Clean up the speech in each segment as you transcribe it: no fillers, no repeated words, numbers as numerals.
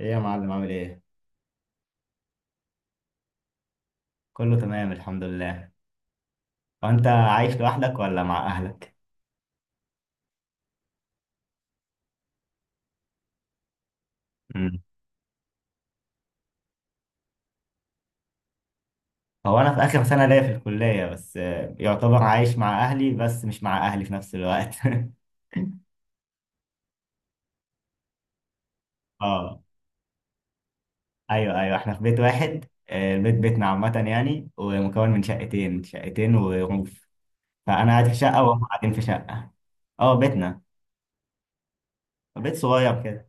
ايه يا معلم، عامل ايه؟ كله تمام الحمد لله. وانت عايش لوحدك ولا مع اهلك؟ مم. هو انا في اخر سنة ليا في الكلية، بس آه، يعتبر عايش مع اهلي بس مش مع اهلي في نفس الوقت. اه، ايوه ايوه، احنا في بيت واحد، آه، البيت بيتنا عامة يعني، ومكون من شقتين، شقتين وروف. فانا قاعد في شقة وهم قاعدين في شقة. اه بيتنا، بيت صغير كده.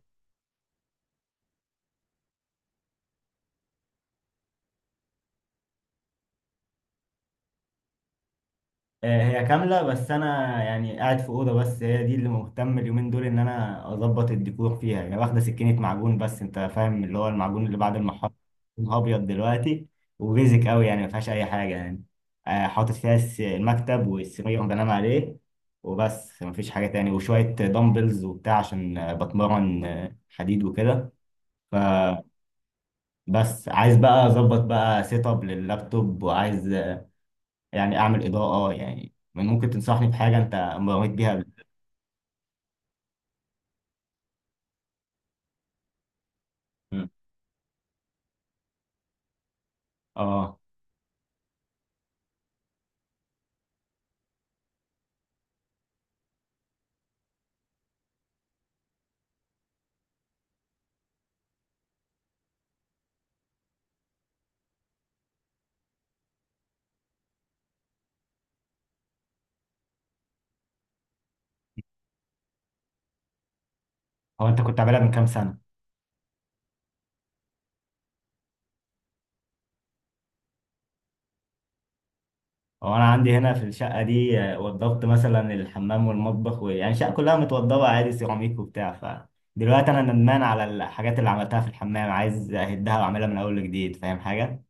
آه، هي كاملة بس أنا يعني قاعد في أوضة، بس هي دي اللي مهتم اليومين دول إن أنا أظبط الديكور فيها يعني. واخدة سكينة معجون، بس أنت فاهم اللي هو المعجون اللي بعد المحط. لونها أبيض دلوقتي، وبيزك أوي يعني، مفيهاش أي حاجة يعني. آه، حاطط فيها المكتب والسرير اللي بنام عليه، وبس مفيش حاجة تاني، وشوية دمبلز وبتاع عشان آه، بتمرن آه، حديد وكده. فبس. عايز بقى أظبط بقى سيت أب لللابتوب، وعايز يعني اعمل اضاءه يعني. من ممكن تنصحني بحاجه انت مريت بيها قبل؟ مم. اه. هو انت كنت عاملها من كام سنه؟ هو انا عندي هنا في الشقه دي آه، وضبت مثلا الحمام والمطبخ، ويعني الشقه كلها متوضبه عادي، سيراميك وبتاع. فدلوقتي انا ندمان على الحاجات اللي عملتها في الحمام، عايز اهدها واعملها من اول وجديد، فاهم حاجه؟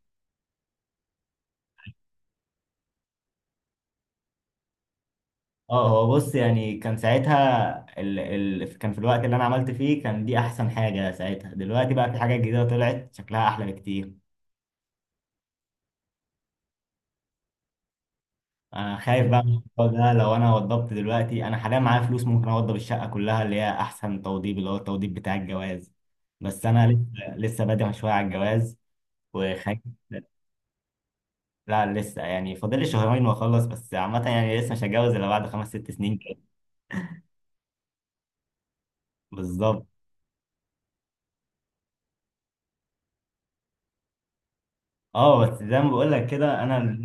اه هو بص يعني، كان ساعتها كان في الوقت اللي انا عملت فيه كان دي احسن حاجه ساعتها. دلوقتي بقى في حاجات جديده طلعت شكلها احلى بكتير. انا خايف بقى من الموضوع ده. لو انا وضبت دلوقتي، انا حاليا معايا فلوس ممكن اوضب الشقه كلها، اللي هي احسن توضيب، اللي هو التوضيب بتاع الجواز. بس انا لسه لسه بادئ شويه على الجواز، وخايف. لا لسه، يعني فاضل لي شهرين واخلص، بس عامه يعني لسه مش هتجوز الا بعد خمس ست سنين كده. بالظبط. اه بس زي ما بقول لك كده انا.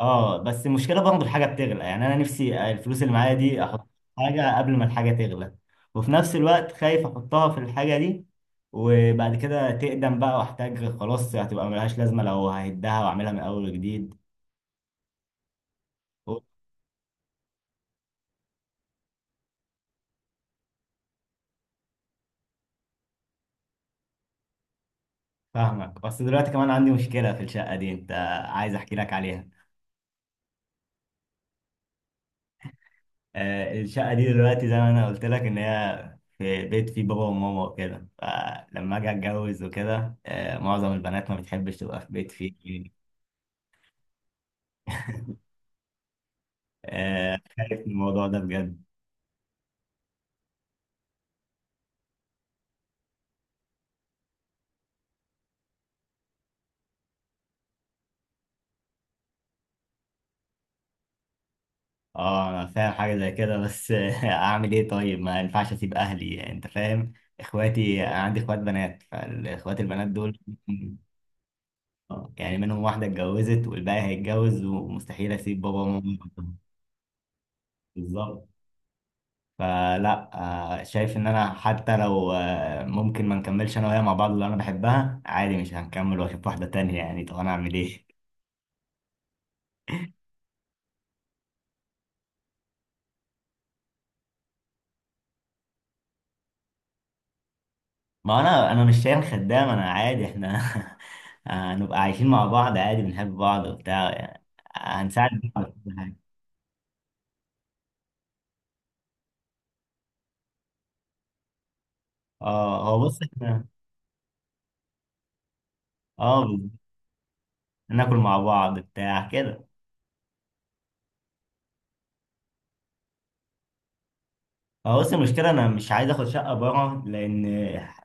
اه بس المشكله برضه الحاجه بتغلى يعني، انا نفسي الفلوس اللي معايا دي احط في حاجه قبل ما الحاجه تغلى، وفي نفس الوقت خايف احطها في الحاجه دي وبعد كده تقدم بقى واحتاج خلاص، هتبقى ملهاش لازمه، لو ههدها واعملها من اول وجديد. فاهمك. بس دلوقتي كمان عندي مشكله في الشقه دي انت، عايز احكي لك عليها. آه، الشقه دي دلوقتي زي ما انا قلت لك ان هي في بيت فيه بابا وماما وكده، فلما اجي اتجوز وكده آه، معظم البنات ما بتحبش تبقى في بيت فيه. آه، خايف من الموضوع ده بجد. اه انا فاهم حاجه زي كده، بس اعمل ايه طيب؟ ما ينفعش اسيب اهلي انت فاهم. اخواتي، انا عندي اخوات بنات، فالاخوات البنات دول آه، يعني منهم واحده اتجوزت والباقي هيتجوز، ومستحيل اسيب بابا وماما لوحدهم. بالظبط. فلا. آه، شايف ان انا حتى لو آه، ممكن ما نكملش انا وهي مع بعض، اللي انا بحبها، عادي مش هنكمل واشوف واحده تانية يعني. طب انا اعمل ايه؟ ما انا مش شايل خدام، انا عادي احنا هنبقى عايشين مع بعض عادي، بنحب بعض وبتاع يعني، هنساعد بعض في كل حاجه. اه هو بص احنا. اه بالظبط. ناكل مع بعض بتاع كده. هو بص المشكله انا مش عايز اخد شقه بره، لان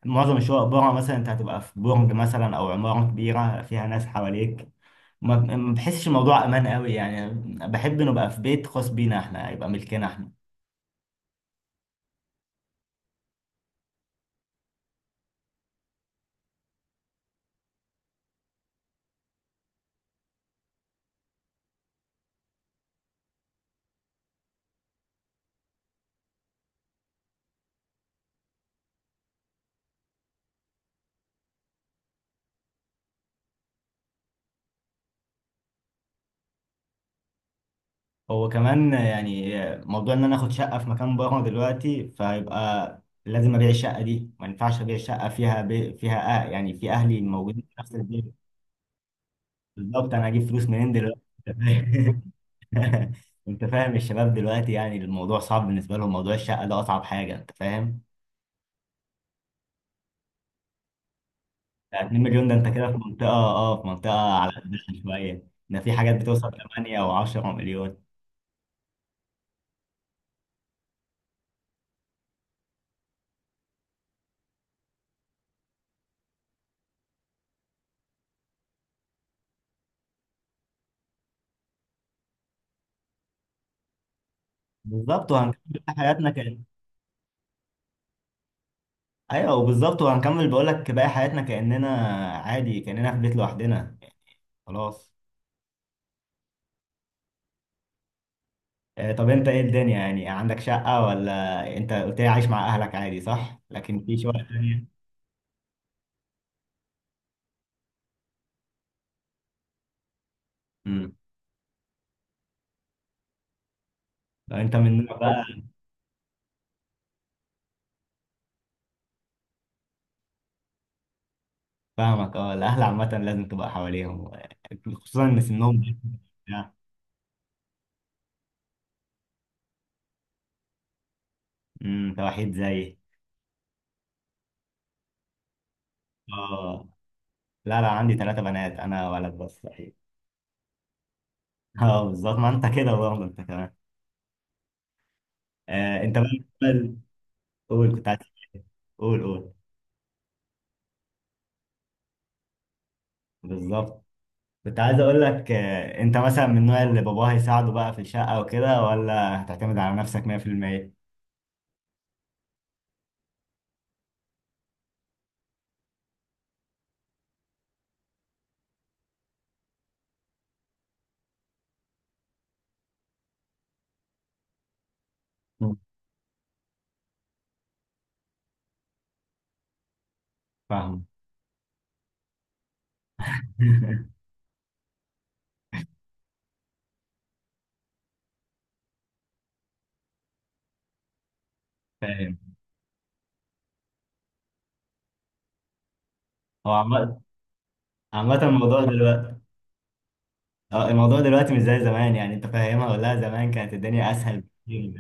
معظم الشقق بره مثلا انت هتبقى في برج مثلا او عماره كبيره فيها ناس حواليك، ما بحسش الموضوع امان قوي يعني. بحب نبقى في بيت خاص بينا احنا، يبقى ملكنا احنا. هو كمان يعني موضوع ان انا اخد شقه في مكان بره دلوقتي، فيبقى لازم ابيع الشقه دي، ما ينفعش ابيع الشقه فيها بي فيها آه يعني في اهلي موجودين في نفس البيت. بالظبط، انا هجيب فلوس منين دلوقتي؟ انت فاهم. انت فاهم الشباب دلوقتي يعني الموضوع صعب بالنسبه لهم، موضوع الشقه ده اصعب حاجه انت فاهم. يعني 2 مليون ده انت كده في منطقه اه آه، في منطقه على قدها شويه، ده في حاجات بتوصل 8 او 10 مليون. بالظبط، وهنكمل حياتنا. ايوه بالظبط، وهنكمل بقول لك باقي حياتنا، كاننا عادي كاننا في بيت لوحدنا، خلاص. آه، طب انت ايه الدنيا؟ يعني عندك شقه ولا انت قلت لي عايش مع اهلك عادي، صح، لكن في شقه تانية؟ امم، لو انت من النوع بقى. فاهمك. اه الاهل عامه لازم تبقى حواليهم، خصوصا ان سنهم. امم، انت وحيد زيي؟ اه. لا لا عندي ثلاثه بنات، انا ولد بس صحيح. اه بالظبط، ما انت كده برضه انت كمان. آه انت بقى، قول كنت عايز. قول قول. بالظبط، كنت عايز اقول لك آه، انت مثلا من النوع اللي باباه هيساعده بقى في الشقة وكده، ولا هتعتمد على نفسك 100%؟ مم. فاهم. فاهم. هو عامة، عامة الموضوع دلوقتي. اه، الموضوع دلوقتي مش زي زمان يعني، انت فاهمها ولا لا؟ زمان كانت الدنيا اسهل بكتير.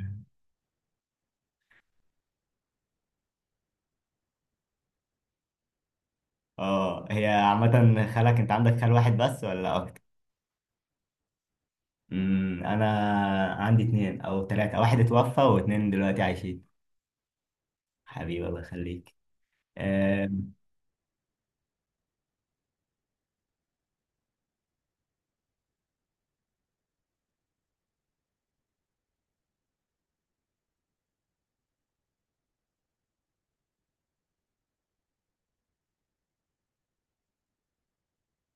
اه هي عامة، خالك انت عندك خال واحد بس ولا اكتر؟ امم، انا عندي اتنين او تلاتة، واحد اتوفى واتنين دلوقتي عايشين. حبيبي الله يخليك. آه،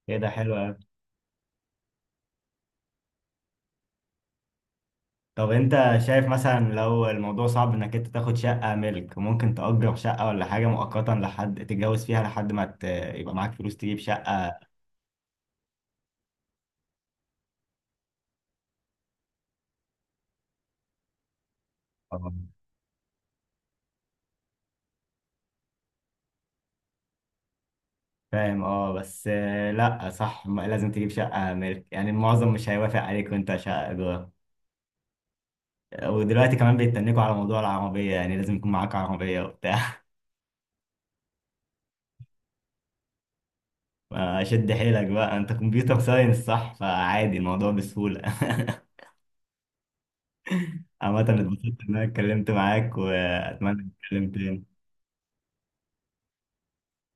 كده حلو. طب انت شايف مثلا لو الموضوع صعب انك انت تاخد شقة ملك، ممكن تأجر شقة ولا حاجة مؤقتا لحد تتجوز فيها، لحد ما يبقى معاك فلوس تجيب شقة. آه. فاهم. اه بس آه، لا صح، لازم تجيب شقة ملك، يعني المعظم مش هيوافق عليك وانت شقة إيجار. ودلوقتي كمان بيتنكوا على موضوع العربية، يعني لازم يكون معاك عربية وبتاع. شد حيلك بقى، انت كمبيوتر ساينس صح، فعادي الموضوع بسهولة. عامة اتبسطت ان انا اتكلمت معاك، واتمنى نتكلم تاني.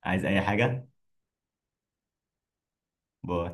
عايز اي حاجة؟ باي.